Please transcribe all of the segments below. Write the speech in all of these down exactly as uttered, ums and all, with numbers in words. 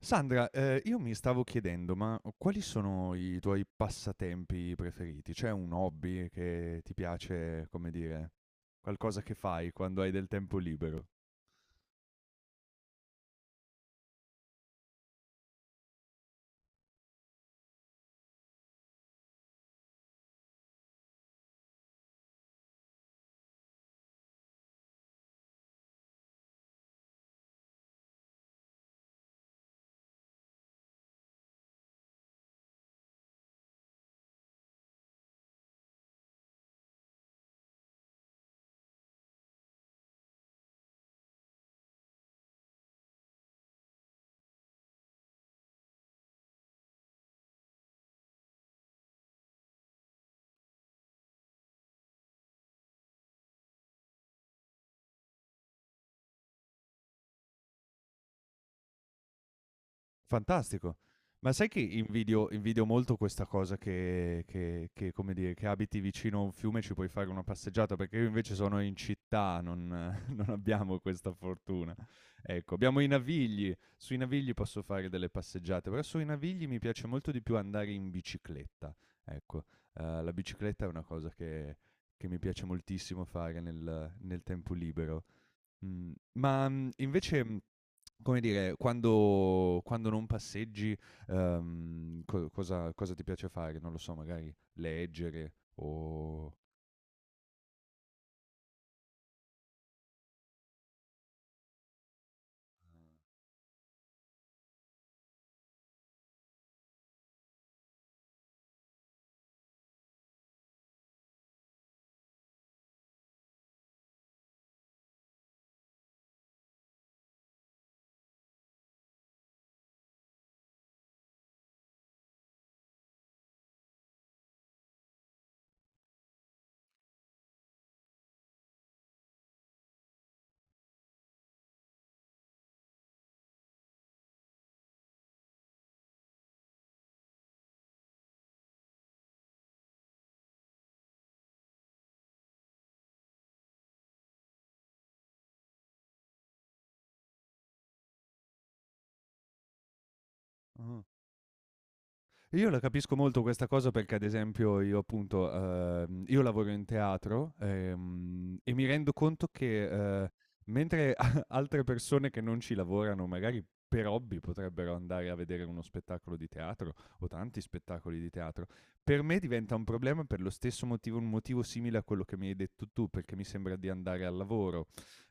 Sandra, ehm, io mi stavo chiedendo, ma quali sono i tuoi passatempi preferiti? C'è un hobby che ti piace, come dire, qualcosa che fai quando hai del tempo libero? Fantastico. Ma sai che invidio invidio molto questa cosa che che che, come dire, che abiti vicino a un fiume e ci puoi fare una passeggiata, perché io invece sono in città, non non abbiamo questa fortuna. Ecco, abbiamo i Navigli, sui Navigli posso fare delle passeggiate, però sui Navigli mi piace molto di più andare in bicicletta, ecco. Uhm, la bicicletta è una cosa che che mi piace moltissimo fare nel nel tempo libero. Mhmm, ma, mhmm, invece mm, Come dire, quando quando non passeggi, ehm, co cosa cosa ti piace fare? Non lo so, magari leggere o, uhm Io la capisco molto questa cosa perché ad esempio io appunto, ehm, io lavoro in teatro, ehm, e mi rendo conto che, ehm, mentre a altre persone che non ci lavorano, magari per hobby potrebbero andare a vedere uno spettacolo di teatro o tanti spettacoli di teatro, per me diventa un problema per lo stesso motivo un motivo simile a quello che mi hai detto tu, perché mi sembra di andare al lavoro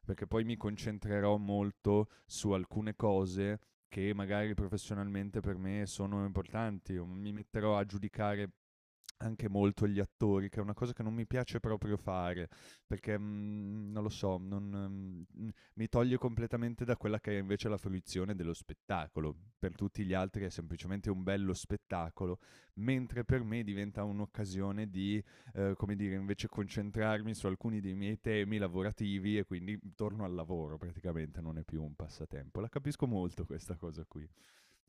perché poi mi concentrerò molto su alcune cose che magari professionalmente per me sono importanti, o mi metterò a giudicare anche molto gli attori, che è una cosa che non mi piace proprio fare, perché mh, non lo so, non, mh, mi toglie completamente da quella che è invece la fruizione dello spettacolo. Per tutti gli altri è semplicemente un bello spettacolo, mentre per me diventa un'occasione di, eh, come dire, invece concentrarmi su alcuni dei miei temi lavorativi e quindi torno al lavoro praticamente, non è più un passatempo. La capisco molto questa cosa qui.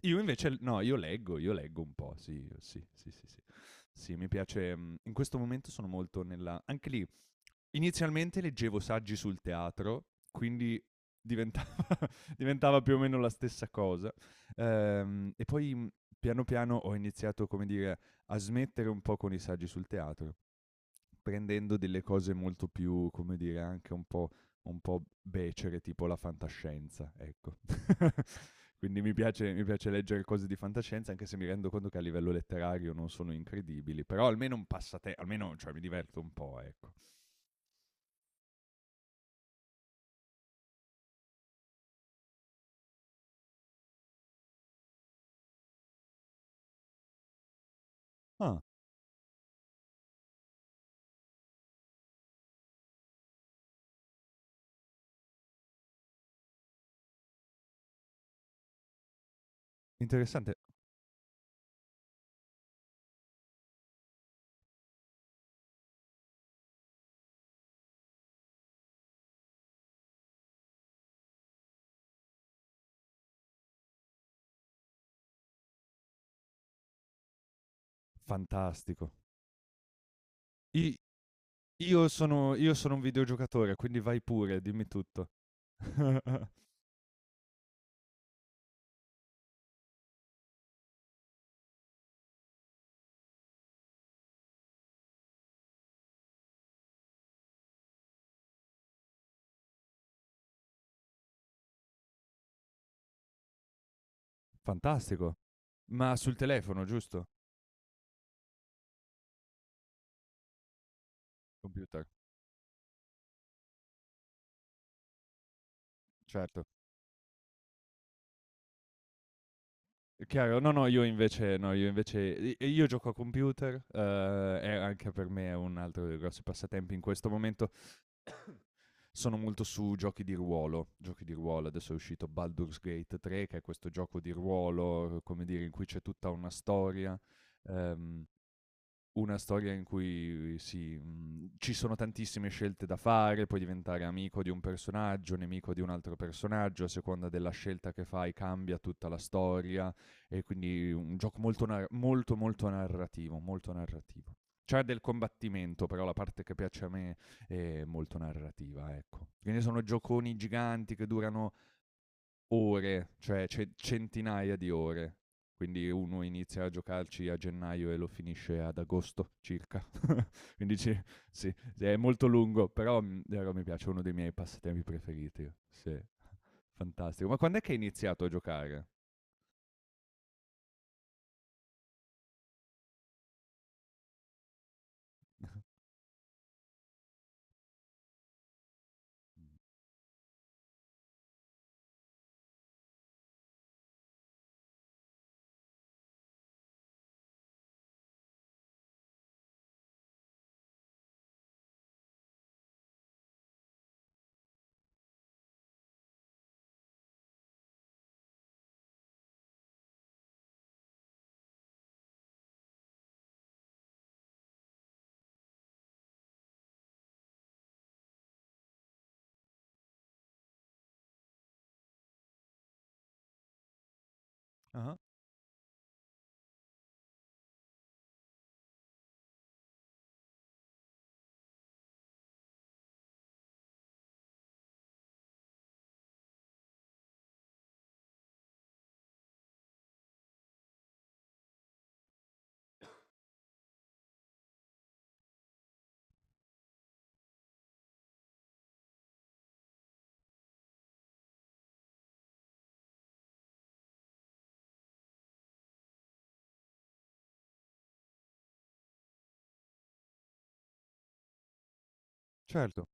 Io invece, no, io leggo, io leggo un po', sì, sì, sì, sì, sì. Sì, mi piace, mm, in questo momento sono molto nella... Anche lì, inizialmente leggevo saggi sul teatro, quindi diventava, diventava più o meno la stessa cosa. Ehm, e poi mm, piano piano ho iniziato, come dire, a smettere un po' con i saggi sul teatro, prendendo delle cose molto più, come dire, anche un po', un po' becere, tipo la fantascienza, ecco. Quindi mi piace, mi piace leggere cose di fantascienza, anche se mi rendo conto che a livello letterario non sono incredibili, però almeno un passatempo, almeno cioè, mi diverto un po', ecco. Ah, interessante, fantastico. I- io, sono, io sono un videogiocatore, quindi vai pure, dimmi tutto. Fantastico. Ma sul telefono, giusto? Computer, certo. Chiaro, no, no, io invece, no, io invece, i- io gioco a computer, eh, è anche per me è un altro dei grossi passatempi in questo momento. Sono molto su giochi di ruolo, giochi di ruolo, adesso è uscito Baldur's Gate tre, che è questo gioco di ruolo, come dire, in cui c'è tutta una storia. Ehm, una storia in cui si mhmm, ci sono tantissime scelte da fare, puoi diventare amico di un personaggio, nemico di un altro personaggio, a seconda della scelta che fai cambia tutta la storia e quindi un gioco molto nar molto, molto narrativo, molto narrativo. C'è del combattimento, però la parte che piace a me è molto narrativa, ecco. Che ne so, sono gioconi giganti che durano ore, cioè ce- centinaia di ore. Quindi uno inizia a giocarci a gennaio e lo finisce ad agosto circa. Quindi ci- sì, sì, è molto lungo, però, m- però mi piace, è uno dei miei passatempi preferiti. Sì, fantastico. Ma quando è che hai iniziato a giocare? Ah, certo.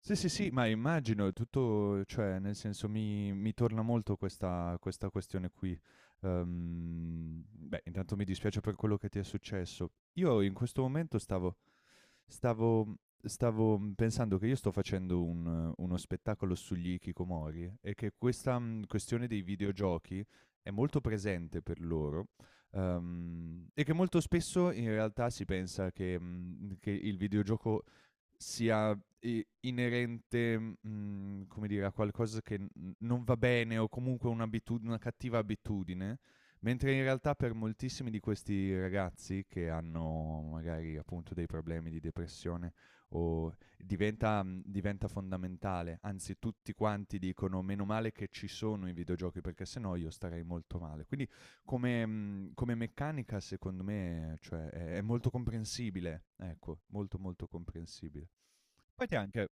Sì, sì, sì, ma immagino, è tutto cioè nel senso mi mi torna molto questa questa questione qui. Ehm, beh, intanto mi dispiace per quello che ti è successo. Io in questo momento stavo stavo stavo mhmm, pensando che io sto facendo un uno spettacolo sugli hikikomori e che questa, mhmm, questione dei videogiochi è molto presente per loro, ehm, e che molto spesso in realtà si pensa che, mhmm, che il videogioco sia i inerente, mhmm, come dire, a qualcosa che n non va bene o comunque un'abitud una cattiva abitudine, mentre in realtà per moltissimi di questi ragazzi che hanno magari appunto dei problemi di depressione o diventa mhmm, diventa fondamentale. Anzi, tutti quanti dicono: "Meno male che ci sono i videogiochi perché se no io starei molto male". Quindi come mhmm, come meccanica secondo me, cioè è è molto comprensibile, ecco, molto, molto comprensibile. Poi ti è anche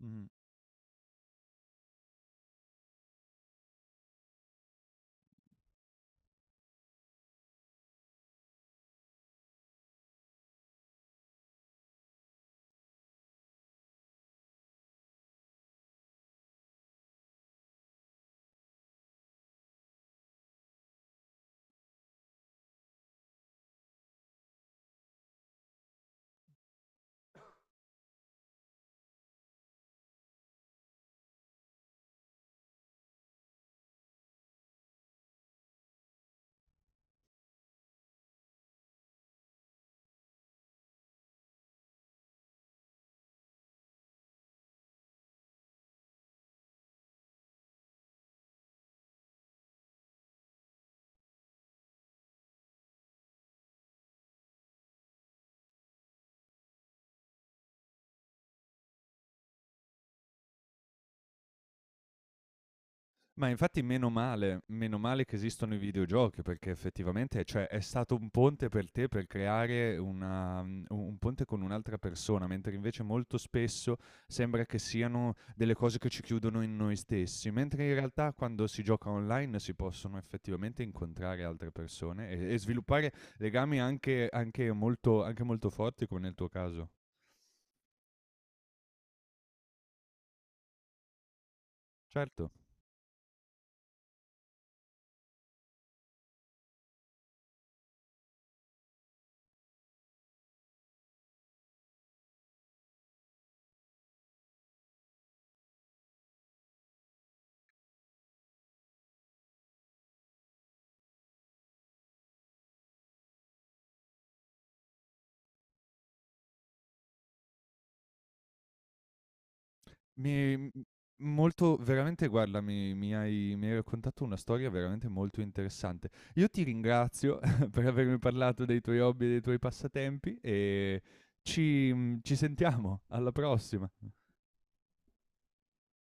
mh-mh. Ma infatti meno male, meno male che esistono i videogiochi perché effettivamente, cioè, è stato un ponte per te per creare una mhmm, u un ponte con un'altra persona, mentre invece molto spesso sembra che siano delle cose che ci chiudono in noi stessi, mentre in realtà quando si gioca online si possono effettivamente incontrare altre persone e e sviluppare legami anche anche molto anche molto forti come nel tuo caso. Certo. Mi mhmm, Molto veramente guarda, mi mi hai mi hai raccontato una storia veramente molto interessante. Io ti ringrazio per avermi parlato dei tuoi hobby e dei tuoi passatempi e ci mhmm, ci sentiamo. Alla prossima.